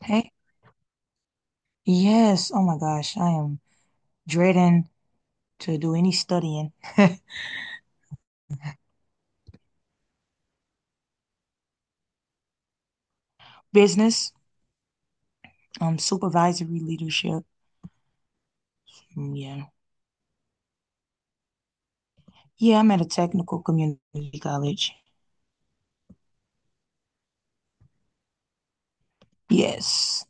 Hey, yes. Oh my gosh, I am dreading to do any studying. Business, supervisory leadership. Mm, yeah. Yeah, I'm at a technical community college. Yes.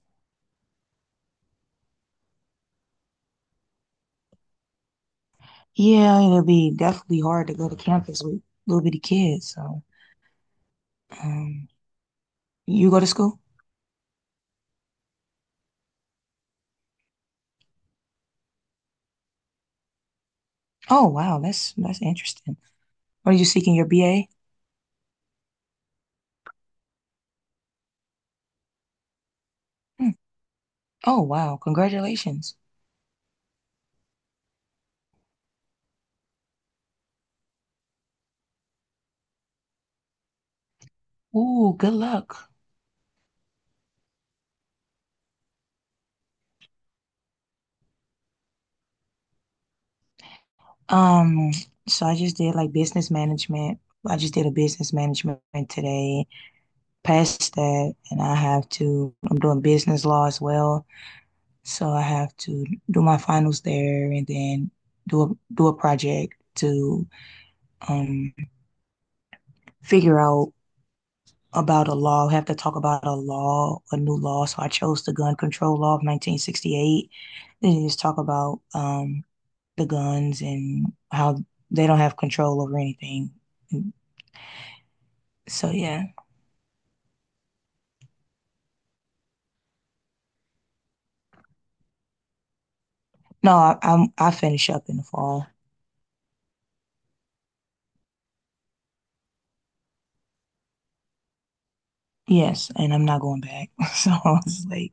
Yeah, it'll be definitely hard to go to campus with little bitty kids. So, um, you go to school? Oh wow, that's interesting. What are you seeking your BA? Hmm. Oh wow, congratulations. Ooh, good luck. Um, so I just did like business management. I just did a business management today. Past that, and I'm doing business law as well. So I have to do my finals there and then do a project to um figure out about a law. I have to talk about a law, a new law. So I chose the gun control law of 1968. Then just talk about the guns and how they don't have control over anything. So yeah, no, I'm I finish up in the fall. Yes, and I'm not going back. So I was like,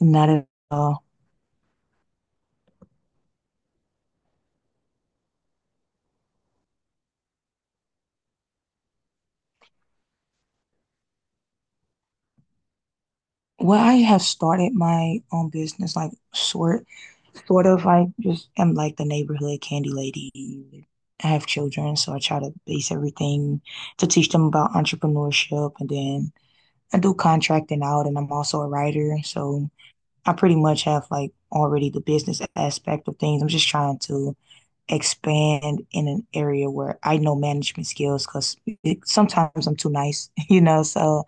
not at all. Well, I have started my own business, like sort of. I just am like the neighborhood candy lady. I have children, so I try to base everything to teach them about entrepreneurship, and then I do contracting out, and I'm also a writer, so I pretty much have like already the business aspect of things. I'm just trying to expand in an area where I know management skills because sometimes I'm too nice, you know. So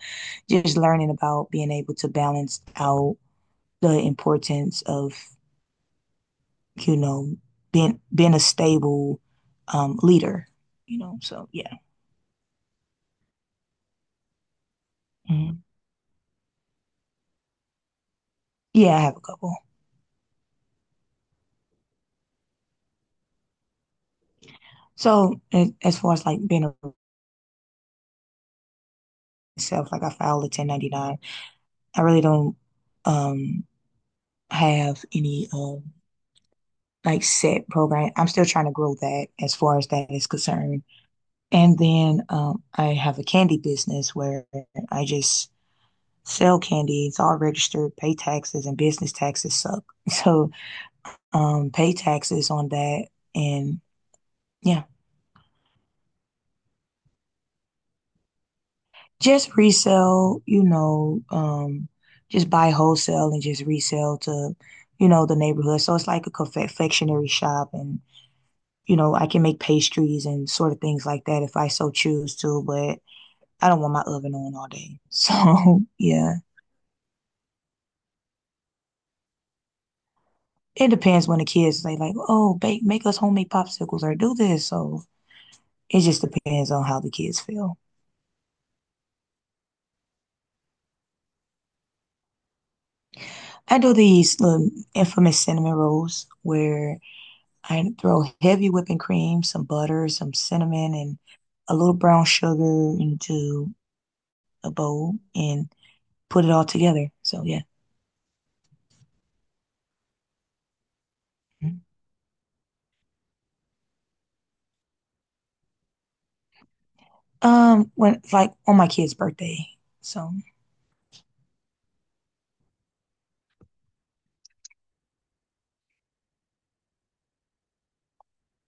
just learning about being able to balance out the importance of, you know, being a stable leader, you know. So yeah. Mhm. Yeah, I have a couple. So as far as like being a myself, like I filed a 1099. I really don't um have any like set program. I'm still trying to grow that as far as that is concerned. And then I have a candy business where I just sell candy. It's all registered, pay taxes, and business taxes suck. So pay taxes on that. And yeah, just resell, you know, just buy wholesale and just resell to, you know, the neighborhood. So it's like a confectionery shop and you know, I can make pastries and sort of things like that if I so choose to, but I don't want my oven on all day. So yeah, it depends when the kids say like, "Oh, bake, make us homemade popsicles or do this." So it just depends on how the kids feel. I do these little infamous cinnamon rolls where I throw heavy whipping cream, some butter, some cinnamon, and a little brown sugar into a bowl and put it all together. So yeah. When like on my kid's birthday. So,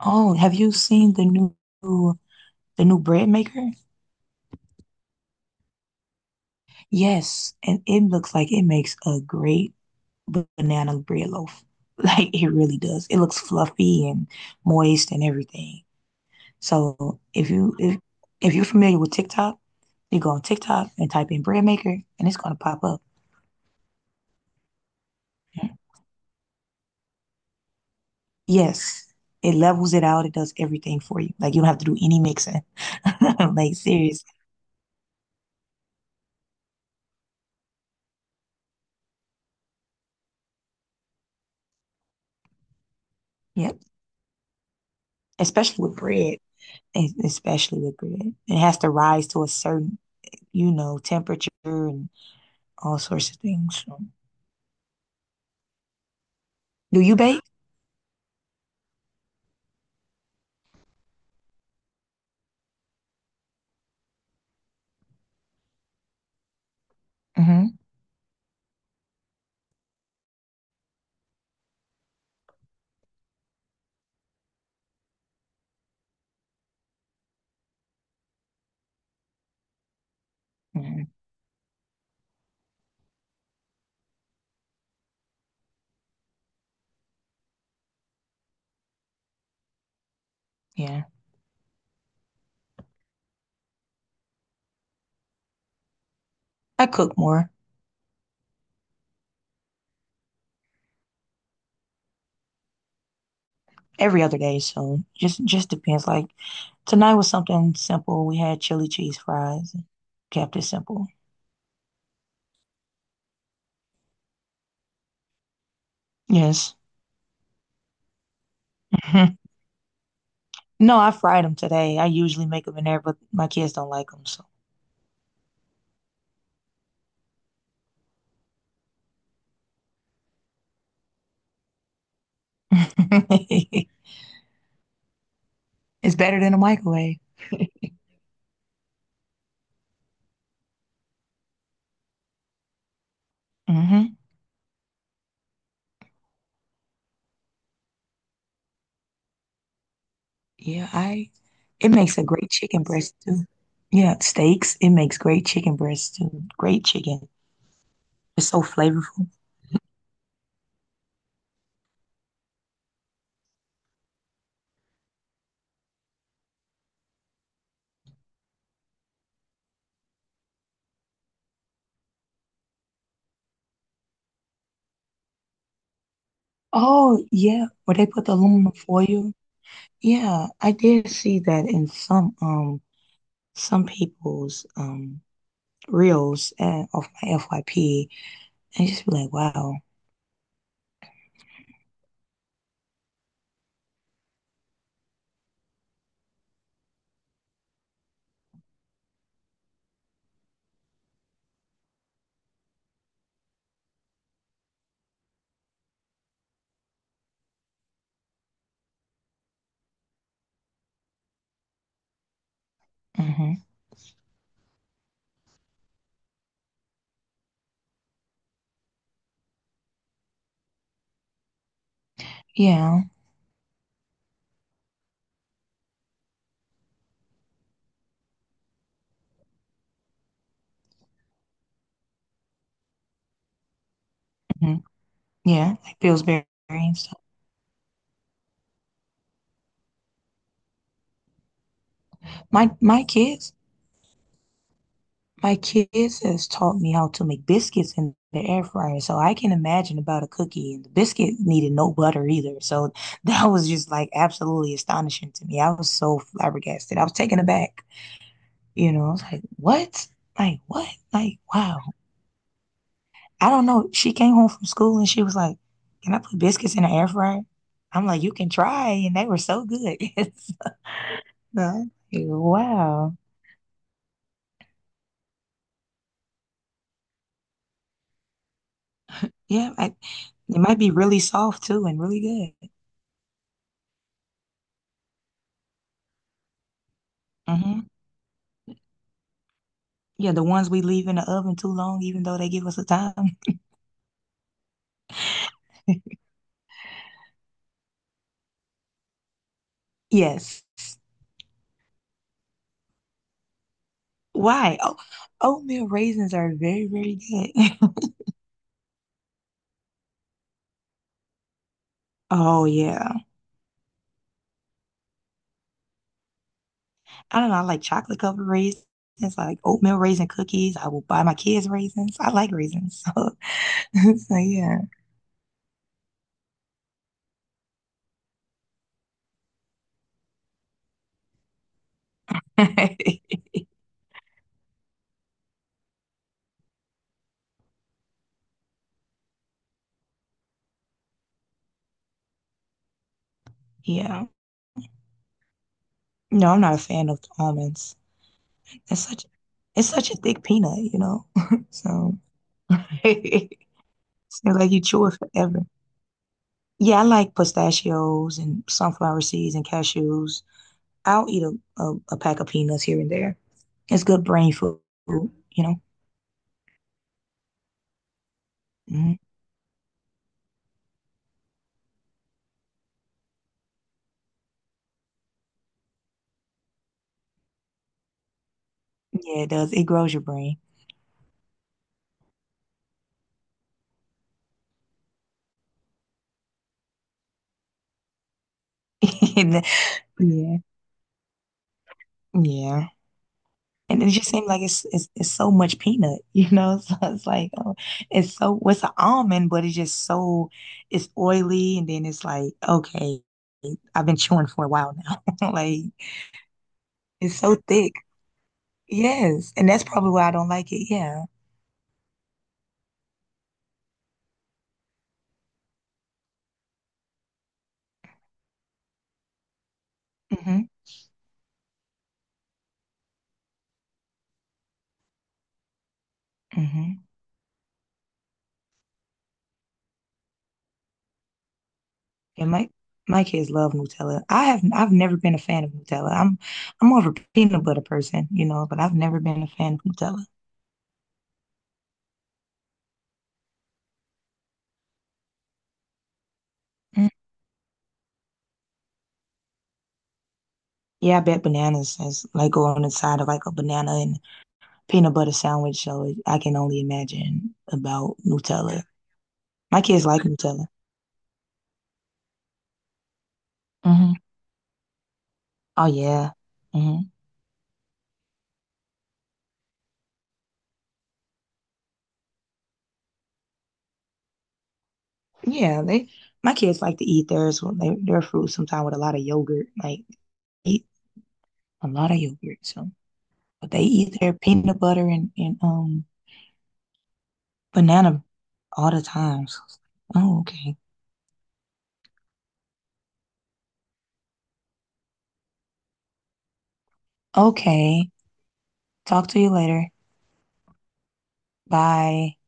oh, have you seen the new bread maker? Yes, and it looks like it makes a great banana bread loaf. Like it really does. It looks fluffy and moist and everything. So if you're familiar with TikTok, you go on TikTok and type in bread maker and it's gonna pop up. Yes, it levels it out. It does everything for you. Like you don't have to do any mixing. Like serious. Yep. Especially with bread. Especially with bread. It has to rise to a certain, you know, temperature and all sorts of things. So. Do you bake? Hmm. Hmm. Yeah, I cook more every other day, so just depends. Like tonight was something simple. We had chili cheese fries. Kept it simple. Yes. Mhm. No, I fried them today. I usually make them in there, but my kids don't like them, so it's better than a microwave. Hmm. Yeah, I. It makes a great chicken breast too. Yeah, steaks. It makes great chicken breast too. Great chicken. It's so flavorful. Oh, yeah, where they put the aluminum foil. Yeah, I did see that in some people's reels of my FYP and just be like, wow. Hmm. Yeah. Mhm. Yeah, like Pillsbury and stuff. My kids, my kids has taught me how to make biscuits in the air fryer. So I can imagine about a cookie and the biscuit needed no butter either. So that was just like absolutely astonishing to me. I was so flabbergasted. I was taken aback. You know, I was like, what? Like what? Like wow. I don't know. She came home from school and she was like, can I put biscuits in the air fryer? I'm like, you can try. And they were so good. So, I'm like, wow. Yeah, I, it might be really soft too and really good. Hmm. Yeah, the ones we leave in the oven too long, even though they give us a time. Yes. Why? Oh, oatmeal raisins are very, very good. Oh yeah. I don't know. I like chocolate covered raisins, like oatmeal raisin cookies. I will buy my kids raisins. I like raisins. So, so yeah. Yeah. No, I'm not a fan of almonds. It's such it's such a thick peanut, you know. So so like you chew it forever. Yeah, I like pistachios and sunflower seeds and cashews. I'll eat a pack of peanuts here and there. It's good brain food, you know? Hmm. Yeah, it does. It grows your brain. And the- yeah, yeah. And it just seems like it's so much peanut, you know? So it's like oh, it's so what's an almond, but it's just so it's oily, and then it's like okay, I've been chewing for a while now. Like it's so thick. Yes, and that's probably why I don't like it. Yeah. Hmm. Hmm. Yeah, my kids love Nutella. I've never been a fan of Nutella. I'm more of a peanut butter person, you know, but I've never been a fan of Nutella. Mm. Yeah, I bet bananas is like go on the side of like a banana and peanut butter sandwich. So I can only imagine about Nutella. My kids like Nutella. Hmm. Oh yeah. Hmm. Yeah, they my kids like to eat theirs with their fruit sometimes with a lot of yogurt. Like eat a lot of yogurt. So. But they eat their peanut butter and banana all the time. So I was like, oh, okay. Okay. Talk to you later. Bye.